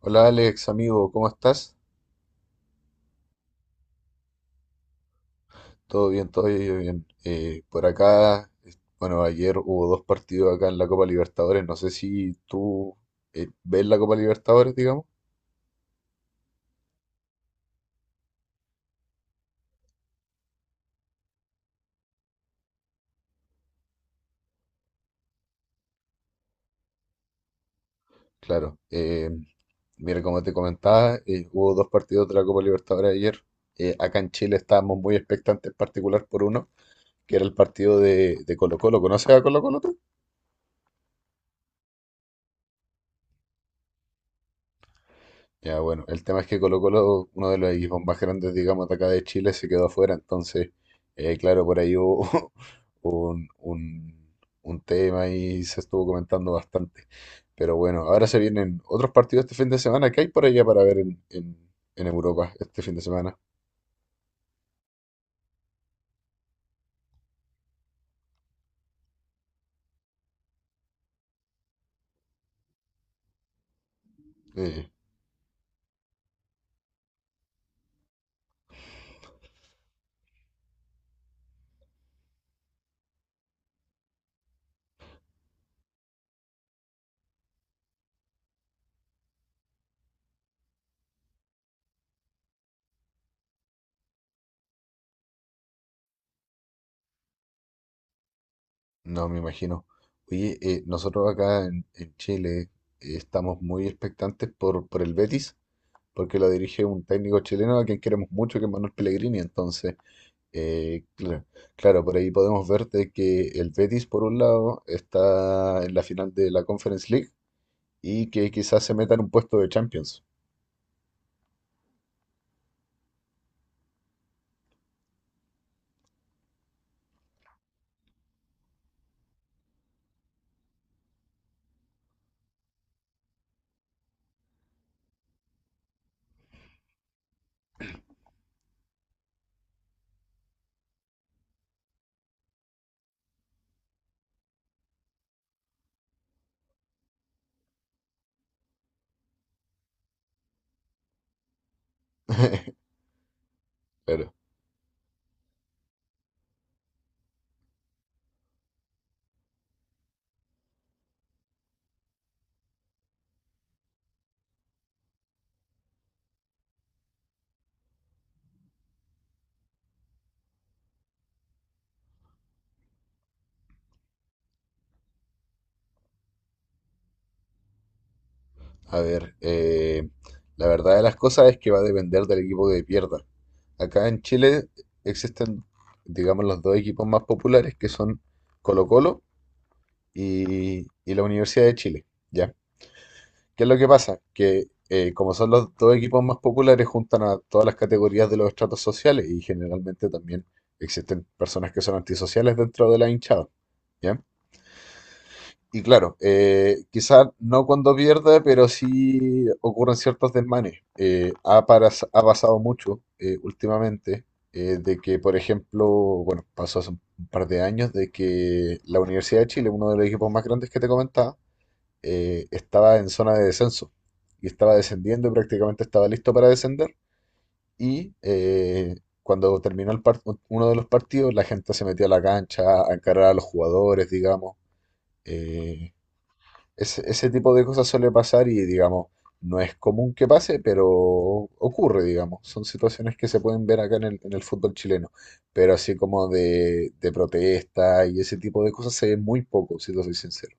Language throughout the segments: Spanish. Hola Alex, amigo, ¿cómo estás? Todo bien, todo bien. Por acá, bueno, ayer hubo dos partidos acá en la Copa Libertadores. No sé si tú ves la Copa Libertadores, digamos. Claro. Mira, como te comentaba, hubo dos partidos de la Copa Libertadores ayer. Acá en Chile estábamos muy expectantes, en particular por uno, que era el partido de Colo-Colo. ¿Conoces a Colo-Colo tú? Ya, bueno, el tema es que Colo Colo, uno de los equipos más grandes, digamos, de acá de Chile, se quedó afuera. Entonces, claro, por ahí hubo un, un, un tema y se estuvo comentando bastante. Pero bueno, ahora se vienen otros partidos este fin de semana. ¿Qué hay por allá para ver en Europa este fin de semana? Eh, no me imagino. Oye, nosotros acá en Chile estamos muy expectantes por el Betis, porque lo dirige un técnico chileno a quien queremos mucho, que es Manuel Pellegrini. Entonces... Eh, cla- claro, por ahí podemos ver de que el Betis, por un lado, está en la final de la Conference League y que quizás se meta en un puesto de Champions. Claro. A ver, la verdad de las cosas es que va a depender del equipo que pierda. Acá en Chile existen, digamos, los dos equipos más populares que son Colo-Colo y la Universidad de Chile, ¿ya? ¿Qué es lo que pasa? Que como son los dos equipos más populares, juntan a todas las categorías de los estratos sociales y generalmente también existen personas que son antisociales dentro de la hinchada. ¿Ya? Y claro, quizás no cuando pierde, pero sí ocurren ciertos desmanes. Ha pasado mucho últimamente de que, por ejemplo, bueno, pasó hace un par de años de que la Universidad de Chile, uno de los equipos más grandes que te comentaba, estaba en zona de descenso y estaba descendiendo y prácticamente estaba listo para descender. Y cuando terminó uno de los partidos, la gente se metió a la cancha a encarar a los jugadores, digamos. Eh, ese tipo de cosas suele pasar y, digamos, no es común que pase, pero ocurre, digamos. Son situaciones que se pueden ver acá en el fútbol chileno. Pero así como de protesta y ese tipo de cosas se ve muy poco, si te soy sincero.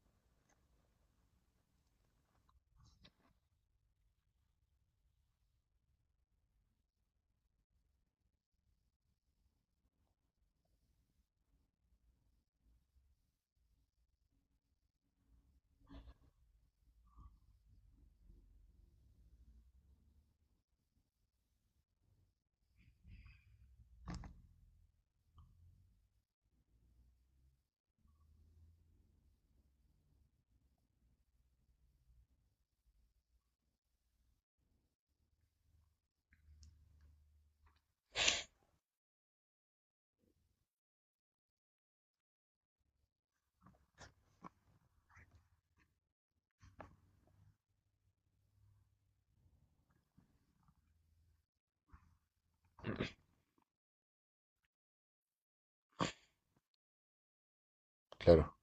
Claro.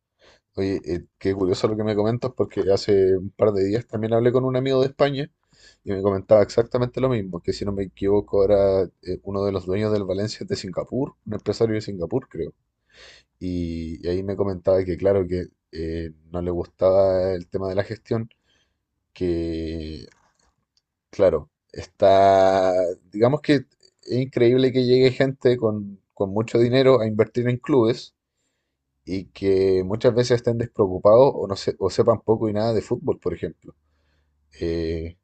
Oye, qué curioso lo que me comentas porque hace un par de días también hablé con un amigo de España y me comentaba exactamente lo mismo, que si no me equivoco era uno de los dueños del Valencia de Singapur, un empresario de Singapur creo. Y ahí me comentaba que claro que no le gustaba el tema de la gestión, que claro, está, digamos que es increíble que llegue gente con mucho dinero a invertir en clubes y que muchas veces estén despreocupados o, no se- o sepan poco y nada de fútbol, por ejemplo. Eh,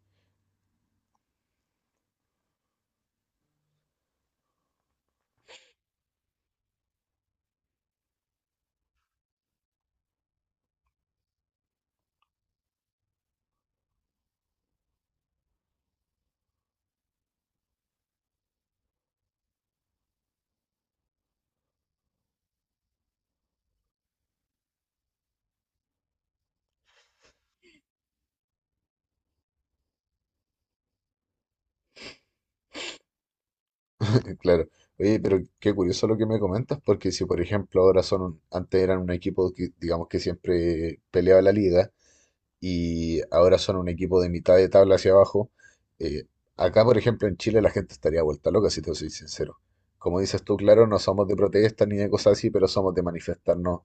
claro. Oye, pero qué curioso lo que me comentas, porque si por ejemplo ahora antes eran un equipo que digamos que siempre peleaba la liga, y ahora son un equipo de mitad de tabla hacia abajo. Eh, acá, por ejemplo, en Chile la gente estaría vuelta loca, si te soy sincero. Como dices tú, claro, no somos de protesta ni de cosas así, pero somos de manifestarnos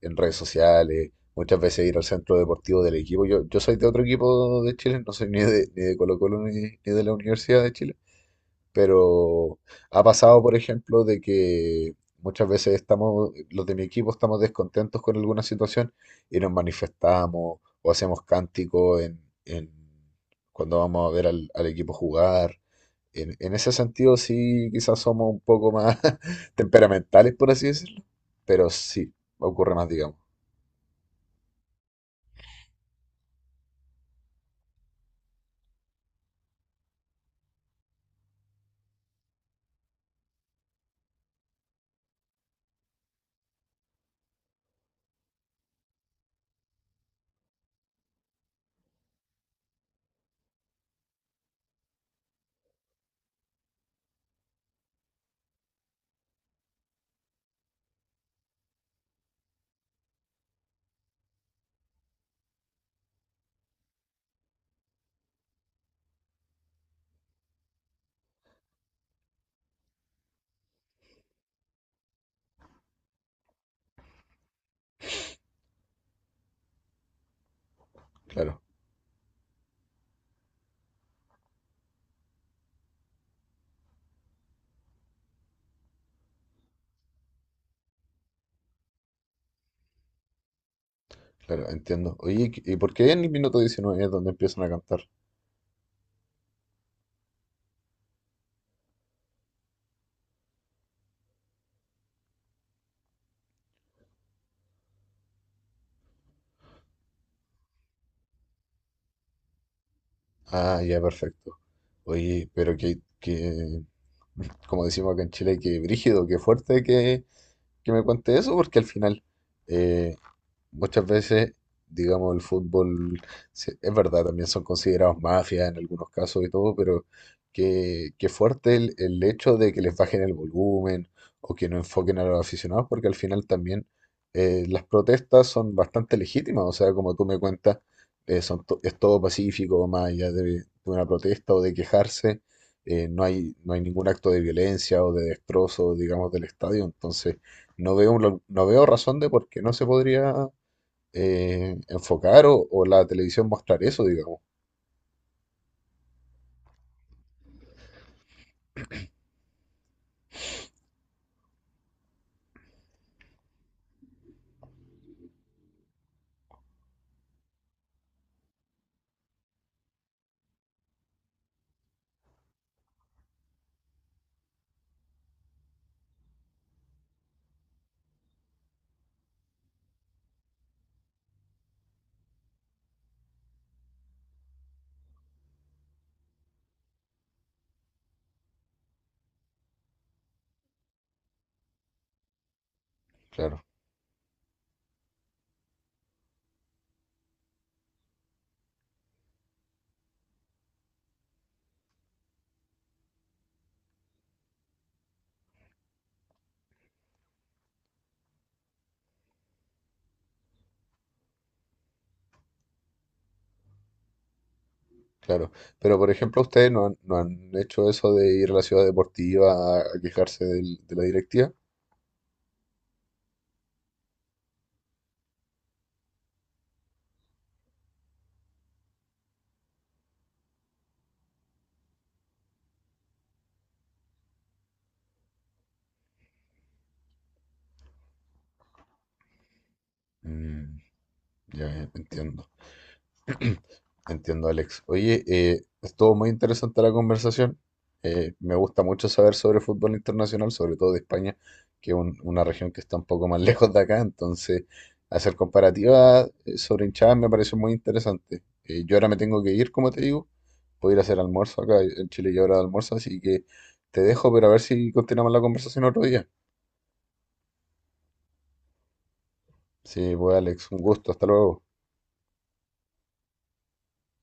en redes sociales, muchas veces ir al centro deportivo del equipo. Yo soy de otro equipo de Chile, no soy ni de Colo Colo ni de la Universidad de Chile, pero ha pasado, por ejemplo, de que muchas veces estamos, los de mi equipo estamos descontentos con alguna situación y nos manifestamos o hacemos cánticos cuando vamos a ver al equipo jugar. En ese sentido, sí, quizás somos un poco más temperamentales, por así decirlo. Pero sí, ocurre más, digamos. Claro, claro, entiendo. Oye, ¿y por qué en el minuto 19 es donde empiezan a cantar? Ah, ya, perfecto. Oye, pero que, como decimos acá en Chile, que brígido, que fuerte que me cuente eso, porque al final eh, muchas veces, digamos, el fútbol, es verdad, también son considerados mafias en algunos casos y todo, pero qué, qué fuerte el hecho de que les bajen el volumen o que no enfoquen a los aficionados, porque al final también las protestas son bastante legítimas, o sea, como tú me cuentas, es todo pacífico, más allá de una protesta o de quejarse. No hay ningún acto de violencia o de destrozo, digamos, del estadio. Entonces, no veo razón de por qué no se podría enfocar o la televisión mostrar eso, digamos. Claro, claro. Pero, por ejemplo, ustedes no han hecho eso de ir a la ciudad deportiva a quejarse de la directiva. Mm, ya, ya, entiendo. Entiendo, Alex. Oye, estuvo muy interesante la conversación. Me gusta mucho saber sobre fútbol internacional, sobre todo de España, que es una región que está un poco más lejos de acá. Entonces, hacer comparativas sobre hinchadas me pareció muy interesante. Yo ahora me tengo que ir, como te digo. Voy a ir a hacer almuerzo acá en Chile ya hora de almuerzo, así que te dejo, pero a ver si continuamos la conversación otro día. Sí, pues Alex, un gusto. Hasta luego.